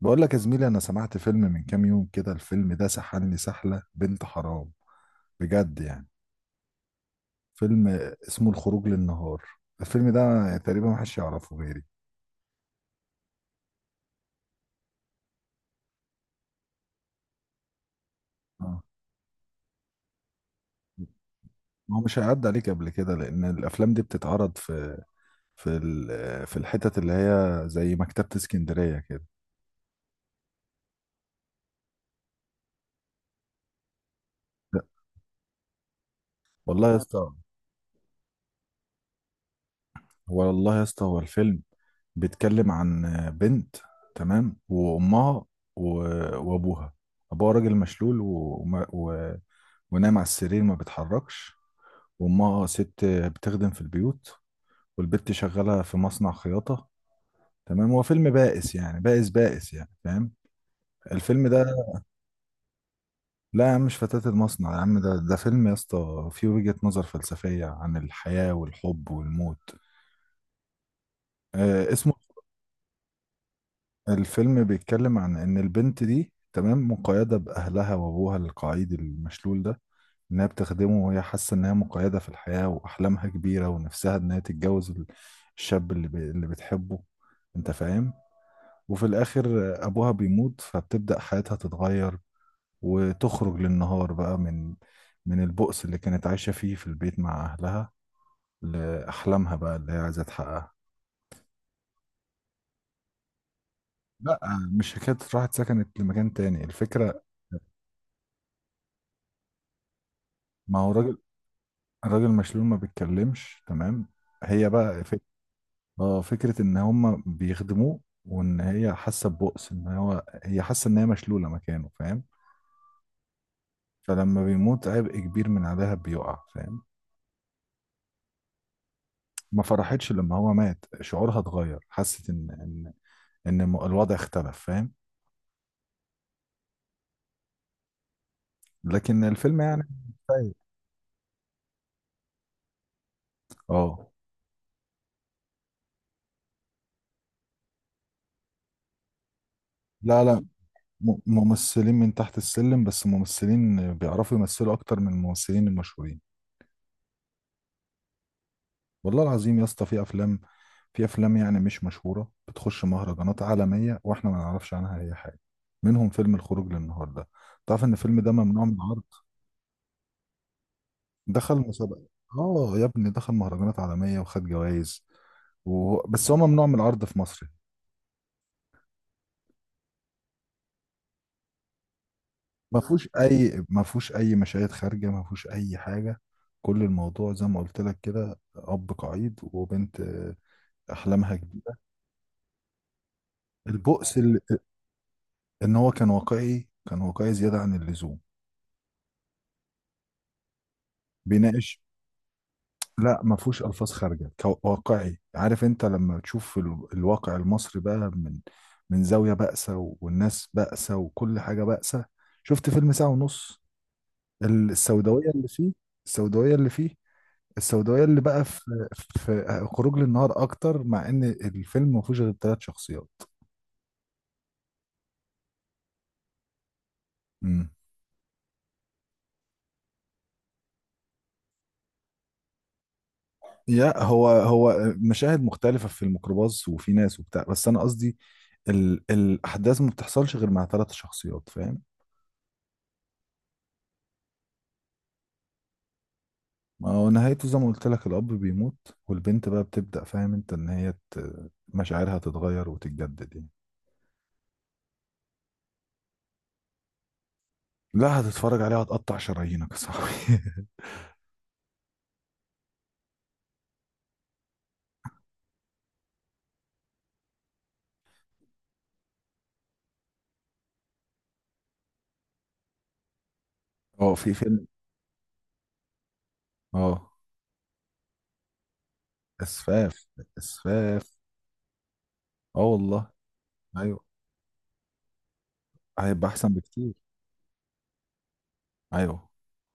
بقول لك يا زميلي، انا سمعت فيلم من كام يوم كده. الفيلم ده سحلني سحلة بنت حرام بجد يعني. فيلم اسمه الخروج للنهار. الفيلم ده تقريبا محدش يعرفه غيري. اه، ما هو مش هيعدي عليك قبل كده لان الافلام دي بتتعرض في في الحتت اللي هي زي مكتبة اسكندرية كده. لا، والله يا اسطى. هو الفيلم بيتكلم عن بنت تمام، وامها، و- وابوها. ابوها راجل مشلول ونايم على السرير، ما بتحركش. وامها آه ست بتخدم في البيوت، والبت شغالة في مصنع خياطة. تمام، هو فيلم بائس يعني، بائس بائس يعني، فاهم الفيلم ده. لا يا عم، مش فتاة المصنع يا عم، ده فيلم يا اسطى فيه وجهة نظر فلسفية عن الحياة والحب والموت. آه اسمه. الفيلم بيتكلم عن ان البنت دي تمام مقيدة باهلها، وابوها القعيد المشلول ده انها بتخدمه، وهي حاسة انها مقيدة في الحياة، واحلامها كبيرة، ونفسها انها تتجوز الشاب اللي بتحبه، انت فاهم. وفي الاخر ابوها بيموت، فبتبدأ حياتها تتغير وتخرج للنهار بقى من البؤس اللي كانت عايشة فيه في البيت مع اهلها، لأحلامها بقى اللي هي عايزة تحققها. لا، مش حكاية راحت سكنت لمكان تاني الفكرة. ما هو الراجل مشلول ما بيتكلمش تمام. هي بقى اه، فكرة ان هم بيخدموه، وان هي حاسة ببؤس، ان هو هي حاسة ان هي مشلولة مكانه، فاهم. فلما بيموت، عبء كبير من عليها بيقع، فاهم. ما فرحتش لما هو مات، شعورها اتغير، حست ان ان الوضع اختلف، فاهم. لكن الفيلم يعني. طيب. اه. لا لا، ممثلين من تحت السلم، بس ممثلين بيعرفوا يمثلوا اكتر من الممثلين المشهورين. والله العظيم يا اسطى في افلام، في افلام يعني مش مشهوره بتخش مهرجانات عالميه واحنا ما نعرفش عنها اي حاجه، منهم فيلم الخروج للنهارده. تعرف ان الفيلم ده ممنوع من العرض؟ دخل مسابقه. اه يا ابني، دخل مهرجانات عالميه وخد جوائز بس هو ممنوع من العرض في مصر. ما فيهوش اي مشاهد خارجه، ما فيهوش اي حاجه. كل الموضوع زي ما قلت لك كده، اب قعيد وبنت آه، احلامها كبيره. البؤس ال- ان هو كان واقعي، كان واقعي زياده عن اللزوم. بيناقش. لا، ما فيهوش الفاظ خارجه، واقعي. عارف انت لما تشوف الواقع المصري بقى من زاويه بائسه، والناس بائسه، وكل حاجه بائسه. شفت فيلم ساعه ونص، السوداويه اللي فيه، السوداويه اللي فيه، السوداويه اللي بقى في في خروج للنهار اكتر، مع ان الفيلم ما فيهوش غير ثلاث شخصيات. امم. يا هو هو مشاهد مختلفه في الميكروباص وفي ناس وبتاع، بس انا قصدي الاحداث ما بتحصلش غير مع ثلاث شخصيات، فاهم. ما هو نهايته زي ما قلت لك، الأب بيموت والبنت بقى بتبدأ، فاهم انت، ان هي مشاعرها تتغير وتتجدد يعني. لا، هتتفرج عليها هتقطع شرايينك يا صاحبي. اه، في فيلم. اه. اسفاف، اسفاف. اه والله. ايوه. هيبقى احسن بكتير. ايوه،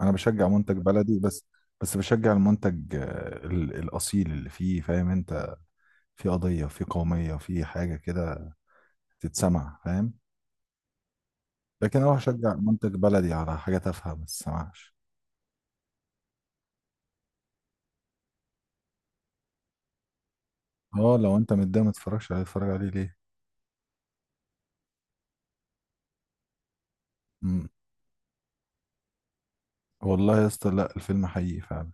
انا بشجع منتج بلدي بس. بس بشجع المنتج آه، الاصيل اللي فيه، فاهم انت، في قضية، في قومية، في حاجة كده تتسمع، فاهم. لكن اروح اشجع منتج بلدي على حاجة تافهة، ما تسمعش. اه، لو انت متضايق ما تتفرجش عليه، اتفرج عليه ليه؟ مم. والله يا اسطى، لا، الفيلم حقيقي فعلا.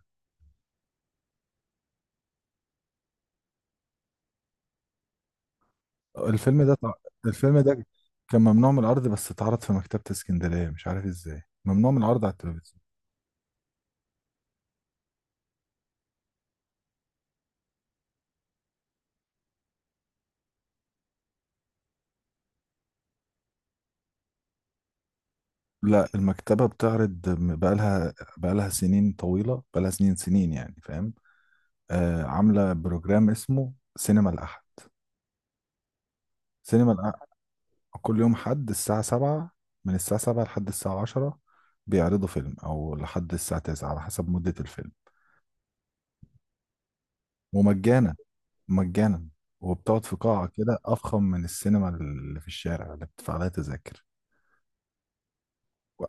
الفيلم ده تع- الفيلم ده كان ممنوع من العرض، بس اتعرض في مكتبة اسكندرية. مش عارف ازاي ممنوع من العرض على التلفزيون. لا، المكتبة بتعرض بقالها سنين طويلة، بقالها سنين سنين يعني، فاهم. آه، عاملة بروجرام اسمه سينما الأحد. سينما الأحد، كل يوم حد الساعة سبعة، من الساعة سبعة لحد الساعة عشرة بيعرضوا فيلم، أو لحد الساعة تسعة على حسب مدة الفيلم. ومجانا، مجانا. وبتقعد في قاعة كده أفخم من السينما اللي في الشارع اللي بتدفع لها تذاكر. و-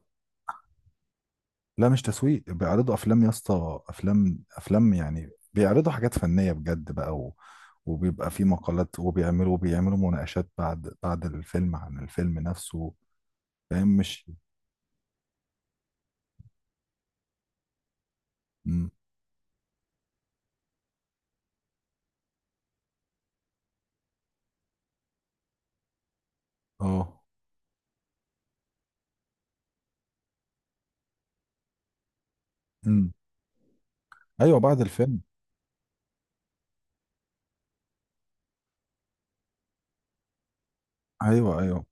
لا مش تسويق، بيعرضوا أفلام يا اسطى، أفلام أفلام يعني، بيعرضوا حاجات فنية بجد بقى وبيبقى في مقالات، وبيعملوا مناقشات بعد الفيلم عن الفيلم نفسه، فاهم مش. مم. اه. مم. ايوه، بعد الفيلم. ايوه ايوه.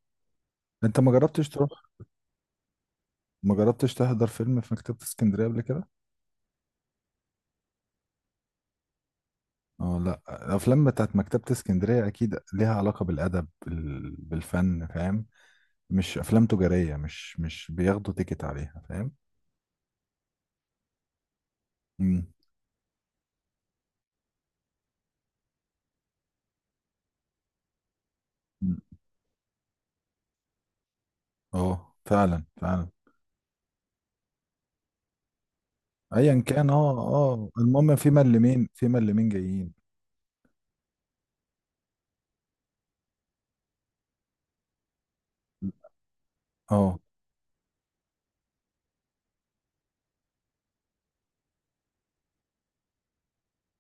انت ما جربتش تروح، ما جربتش تحضر فيلم في مكتبة اسكندرية قبل كده؟ اه لا، الافلام بتاعت مكتبة اسكندرية اكيد ليها علاقة بالادب، بالفن، فاهم، مش افلام تجارية، مش بياخدوا تيكت عليها، فاهم. مم. مم. اه فعلا، فعلا. ايا كان، اه اه، المهم في ملمين، في ملمين جايين. اه.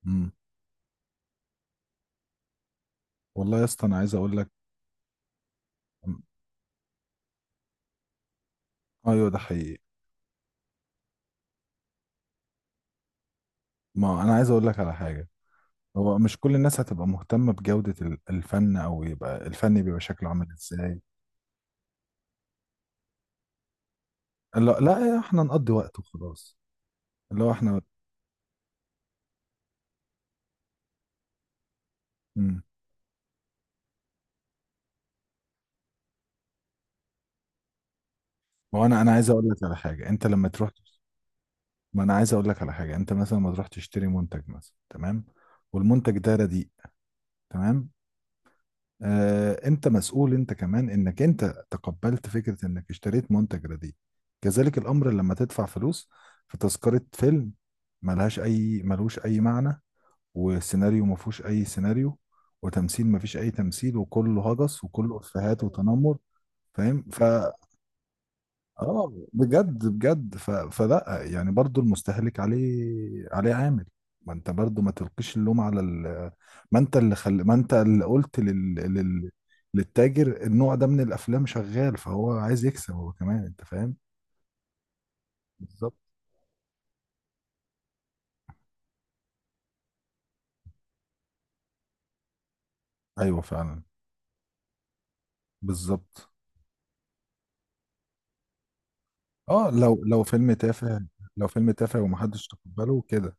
امم. والله يا اسطى انا عايز اقول لك. ايوه، ده حقيقي. ما انا عايز اقول لك على حاجة، هو مش كل الناس هتبقى مهتمة بجودة الفن، او يبقى الفن بيبقى شكله عامل ازاي. لا لا، احنا نقضي وقت وخلاص، اللي هو احنا. امم. وانا عايز اقول لك على حاجه، انت لما تروح. ما انا عايز اقول لك على حاجه، انت مثلا لما تروح تشتري منتج مثلا، تمام، والمنتج ده رديء، تمام، آه، انت مسؤول انت كمان انك انت تقبلت فكره انك اشتريت منتج رديء. كذلك الامر لما تدفع فلوس في تذكره فيلم ملهاش اي، ملوش اي معنى، وسيناريو ما فيهوش اي سيناريو، وتمثيل ما فيش اي تمثيل، وكله هجس، وكله افيهات وتنمر، فاهم. اه بجد، بجد. فلا يعني، برضو المستهلك عليه عامل. ما انت برضو ما تلقيش اللوم على ما انت اللي ما انت اللي قلت للتاجر النوع ده من الافلام شغال، فهو عايز يكسب هو كمان، انت فاهم. بالظبط. ايوه فعلا. بالظبط. اه، لو فيلم تافه، لو فيلم تافه ومحدش تقبله كده.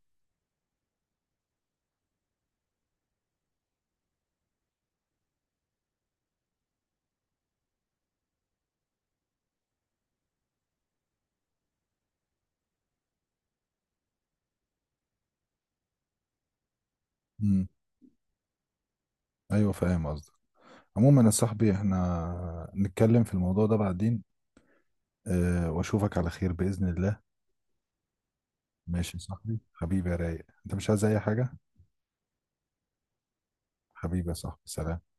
امم. ايوه فاهم قصدك. عموما يا صاحبي احنا نتكلم في الموضوع ده بعدين. أه، واشوفك على خير بإذن الله. ماشي يا صاحبي، حبيبي يا رايق، انت مش عايز اي حاجة؟ حبيبي يا صاحبي، سلام.